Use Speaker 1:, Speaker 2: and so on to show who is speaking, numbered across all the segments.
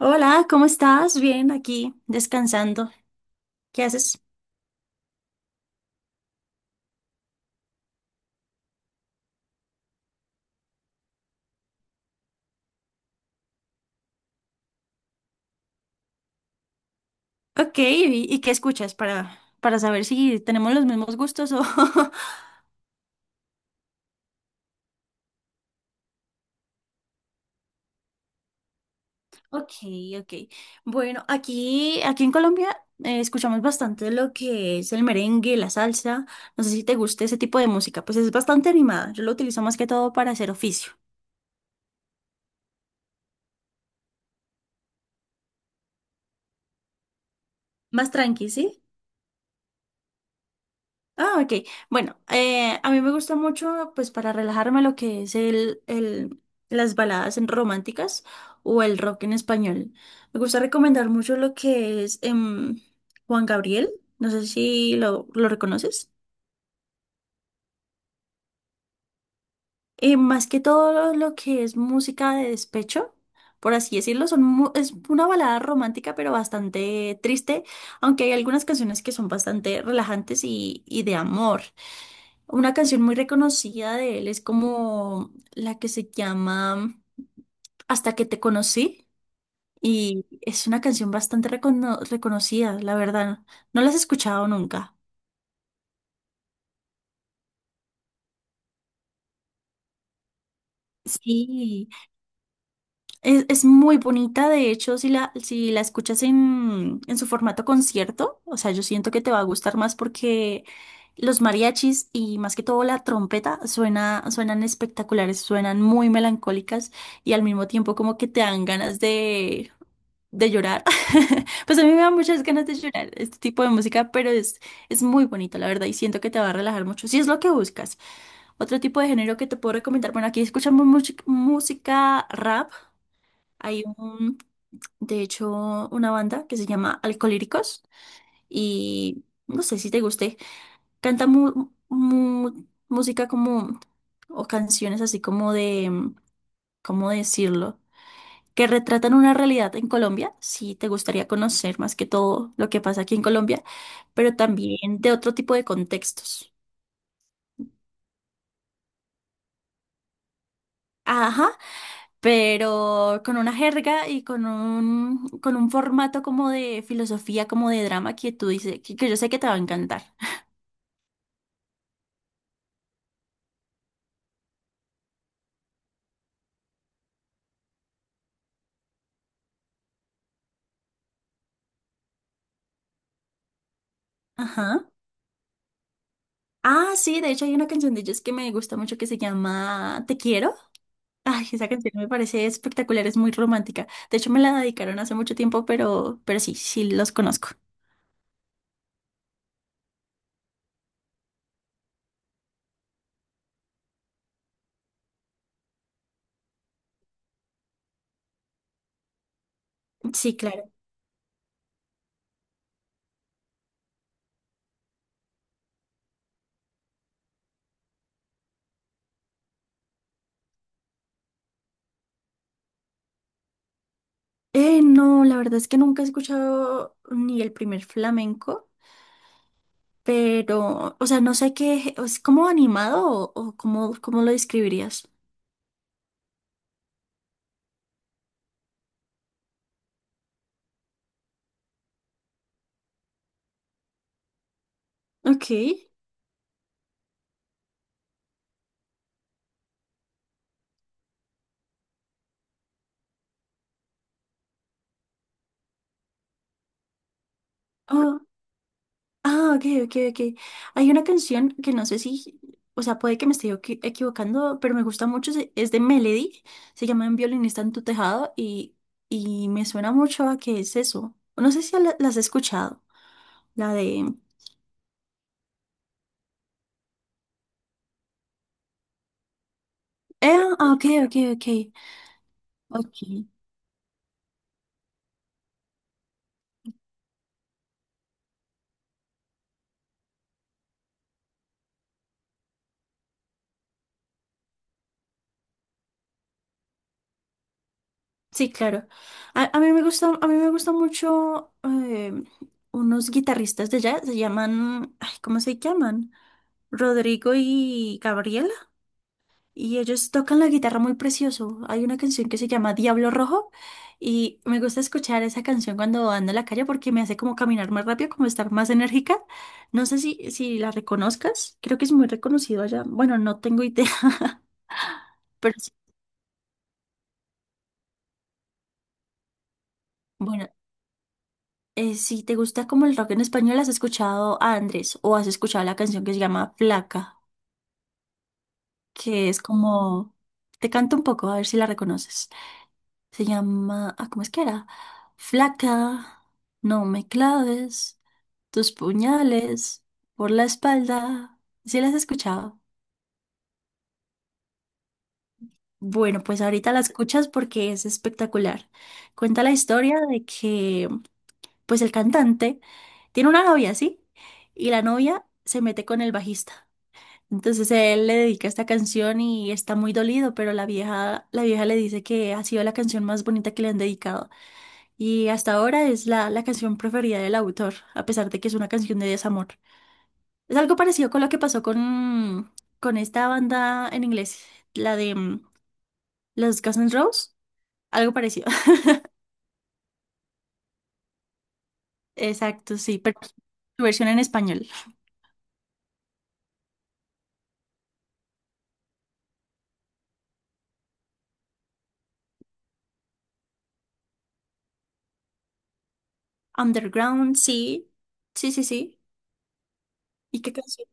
Speaker 1: Hola, ¿cómo estás? Bien, aquí descansando. ¿Qué haces? Ok, ¿y qué escuchas para saber si tenemos los mismos gustos o... Ok, ok. Bueno, aquí en Colombia escuchamos bastante lo que es el merengue, la salsa. No sé si te gusta ese tipo de música, pues es bastante animada. Yo lo utilizo más que todo para hacer oficio. Más tranqui, ¿sí? Ah, ok. Bueno, a mí me gusta mucho, pues para relajarme, lo que es las baladas románticas o el rock en español. Me gusta recomendar mucho lo que es Juan Gabriel. No sé si lo reconoces. Más que todo lo que es música de despecho, por así decirlo, es una balada romántica, pero bastante triste, aunque hay algunas canciones que son bastante relajantes y de amor. Una canción muy reconocida de él es como la que se llama Hasta que te conocí y es una canción bastante reconocida, la verdad. No la has escuchado nunca. Sí. Es muy bonita, de hecho, si la escuchas en su formato concierto, o sea, yo siento que te va a gustar más porque los mariachis y más que todo la trompeta suenan espectaculares, suenan muy melancólicas y al mismo tiempo como que te dan ganas de llorar. Pues a mí me dan muchas ganas de llorar este tipo de música, es muy bonito, la verdad, y siento que te va a relajar mucho, si es lo que buscas. Otro tipo de género que te puedo recomendar, bueno, aquí escuchamos música rap. Hay un, de hecho, una banda que se llama Alcolíricos y no sé si te guste. Canta música o canciones así como de, ¿cómo decirlo? Que retratan una realidad en Colombia. Si te gustaría conocer más que todo lo que pasa aquí en Colombia, pero también de otro tipo de contextos. Ajá, pero con una jerga y con con un formato como de filosofía, como de drama que tú dices, que yo sé que te va a encantar. Ajá. Ah, sí, de hecho hay una canción de ellos que me gusta mucho que se llama Te quiero. Ay, esa canción me parece espectacular, es muy romántica. De hecho me la dedicaron hace mucho tiempo, pero sí, sí los conozco. Sí, claro. No, la verdad es que nunca he escuchado ni el primer flamenco. Pero, o sea, no sé qué, ¿es como animado o cómo, cómo lo describirías? Ok. Oh, ah, ok, ok, ok. Hay una canción que no sé si, o sea, puede que me esté equivocando, pero me gusta mucho, es de Melody, se llama Un violinista en tu tejado y me suena mucho a que es eso. No sé si la has escuchado, la de... Eh, ah, ok, ok, ok. Ok. Sí, claro. A mí me gusta, a mí me gusta mucho unos guitarristas de jazz, se llaman, ay, ¿cómo se llaman? Rodrigo y Gabriela, y ellos tocan la guitarra muy precioso. Hay una canción que se llama Diablo Rojo y me gusta escuchar esa canción cuando ando en la calle porque me hace como caminar más rápido, como estar más enérgica. No sé si la reconozcas, creo que es muy reconocido allá. Bueno, no tengo idea, pero sí. Bueno, si te gusta como el rock en español, ¿has escuchado a Andrés o has escuchado la canción que se llama Flaca? Que es como... Te canto un poco, a ver si la reconoces. Se llama... Ah, ¿cómo es que era? Flaca, no me claves tus puñales por la espalda. ¿Sí la has escuchado? Bueno, pues ahorita la escuchas porque es espectacular. Cuenta la historia de que, pues el cantante tiene una novia, ¿sí? Y la novia se mete con el bajista. Entonces él le dedica esta canción y está muy dolido, pero la vieja le dice que ha sido la canción más bonita que le han dedicado. Y hasta ahora es la canción preferida del autor, a pesar de que es una canción de desamor. Es algo parecido con lo que pasó con esta banda en inglés, la de los Guns N' Roses. Algo parecido. Exacto, sí, pero su versión en español. Underground, sí. Sí, sí, sí. ¿Y qué canción?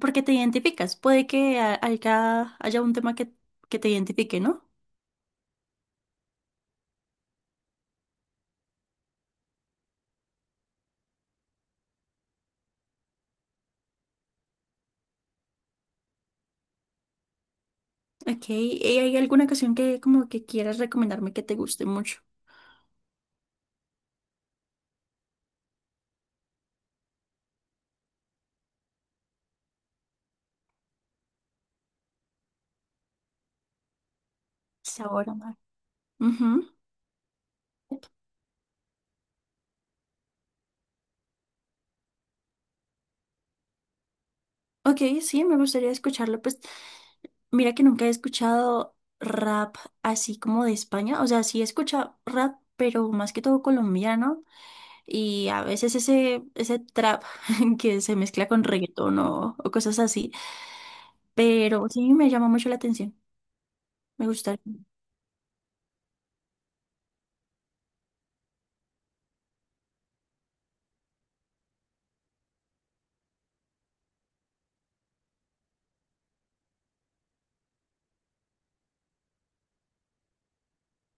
Speaker 1: Porque te identificas. Puede que haya un tema que te identifique, ¿no? Ok. ¿Y hay alguna canción que como que quieras recomendarme que te guste mucho? Sabor a mar. Ujú. Ok, sí, me gustaría escucharlo. Pues mira que nunca he escuchado rap así como de España. O sea, sí he escuchado rap, pero más que todo colombiano. Y a veces ese trap que se mezcla con reggaetón o cosas así. Pero sí me llama mucho la atención. Me gustaría.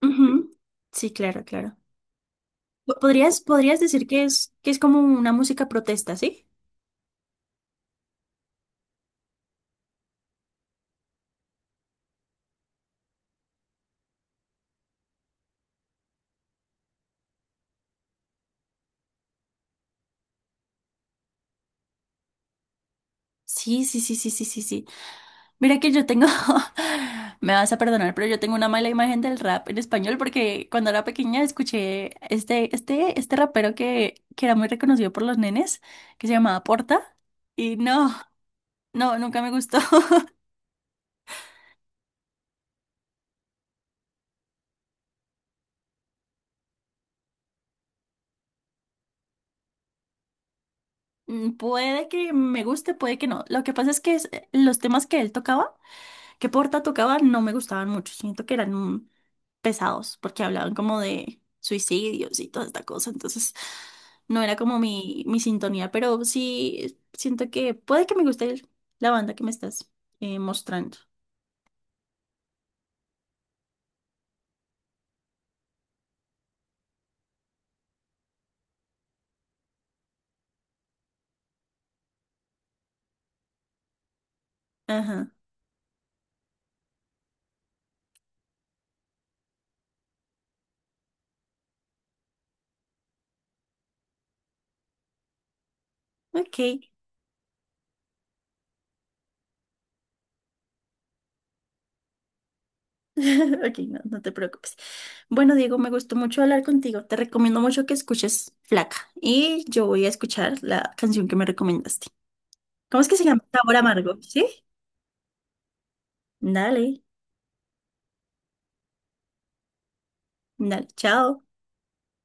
Speaker 1: Ujú. Sí, claro, claro. ¿Podrías, podrías decir que que es como una música protesta, ¿sí? Sí, sí, sí, sí, sí, sí, sí. Mira que yo tengo, me vas a perdonar, pero yo tengo una mala imagen del rap en español porque cuando era pequeña escuché este rapero que era muy reconocido por los nenes, que se llamaba Porta, y no, no, nunca me gustó. Mm, puede que me guste, puede que no. Lo que pasa es que los temas que él tocaba que Porta tocaba no me gustaban mucho. Siento que eran pesados porque hablaban como de suicidios y toda esta cosa. Entonces, no era como mi sintonía, pero sí siento que puede que me guste la banda que me estás mostrando. Ajá, ok. Ok, no, no te preocupes. Bueno, Diego, me gustó mucho hablar contigo. Te recomiendo mucho que escuches Flaca y yo voy a escuchar la canción que me recomendaste. ¿Cómo es que se llama? Sabor amargo, ¿sí? Dale, dale, chao.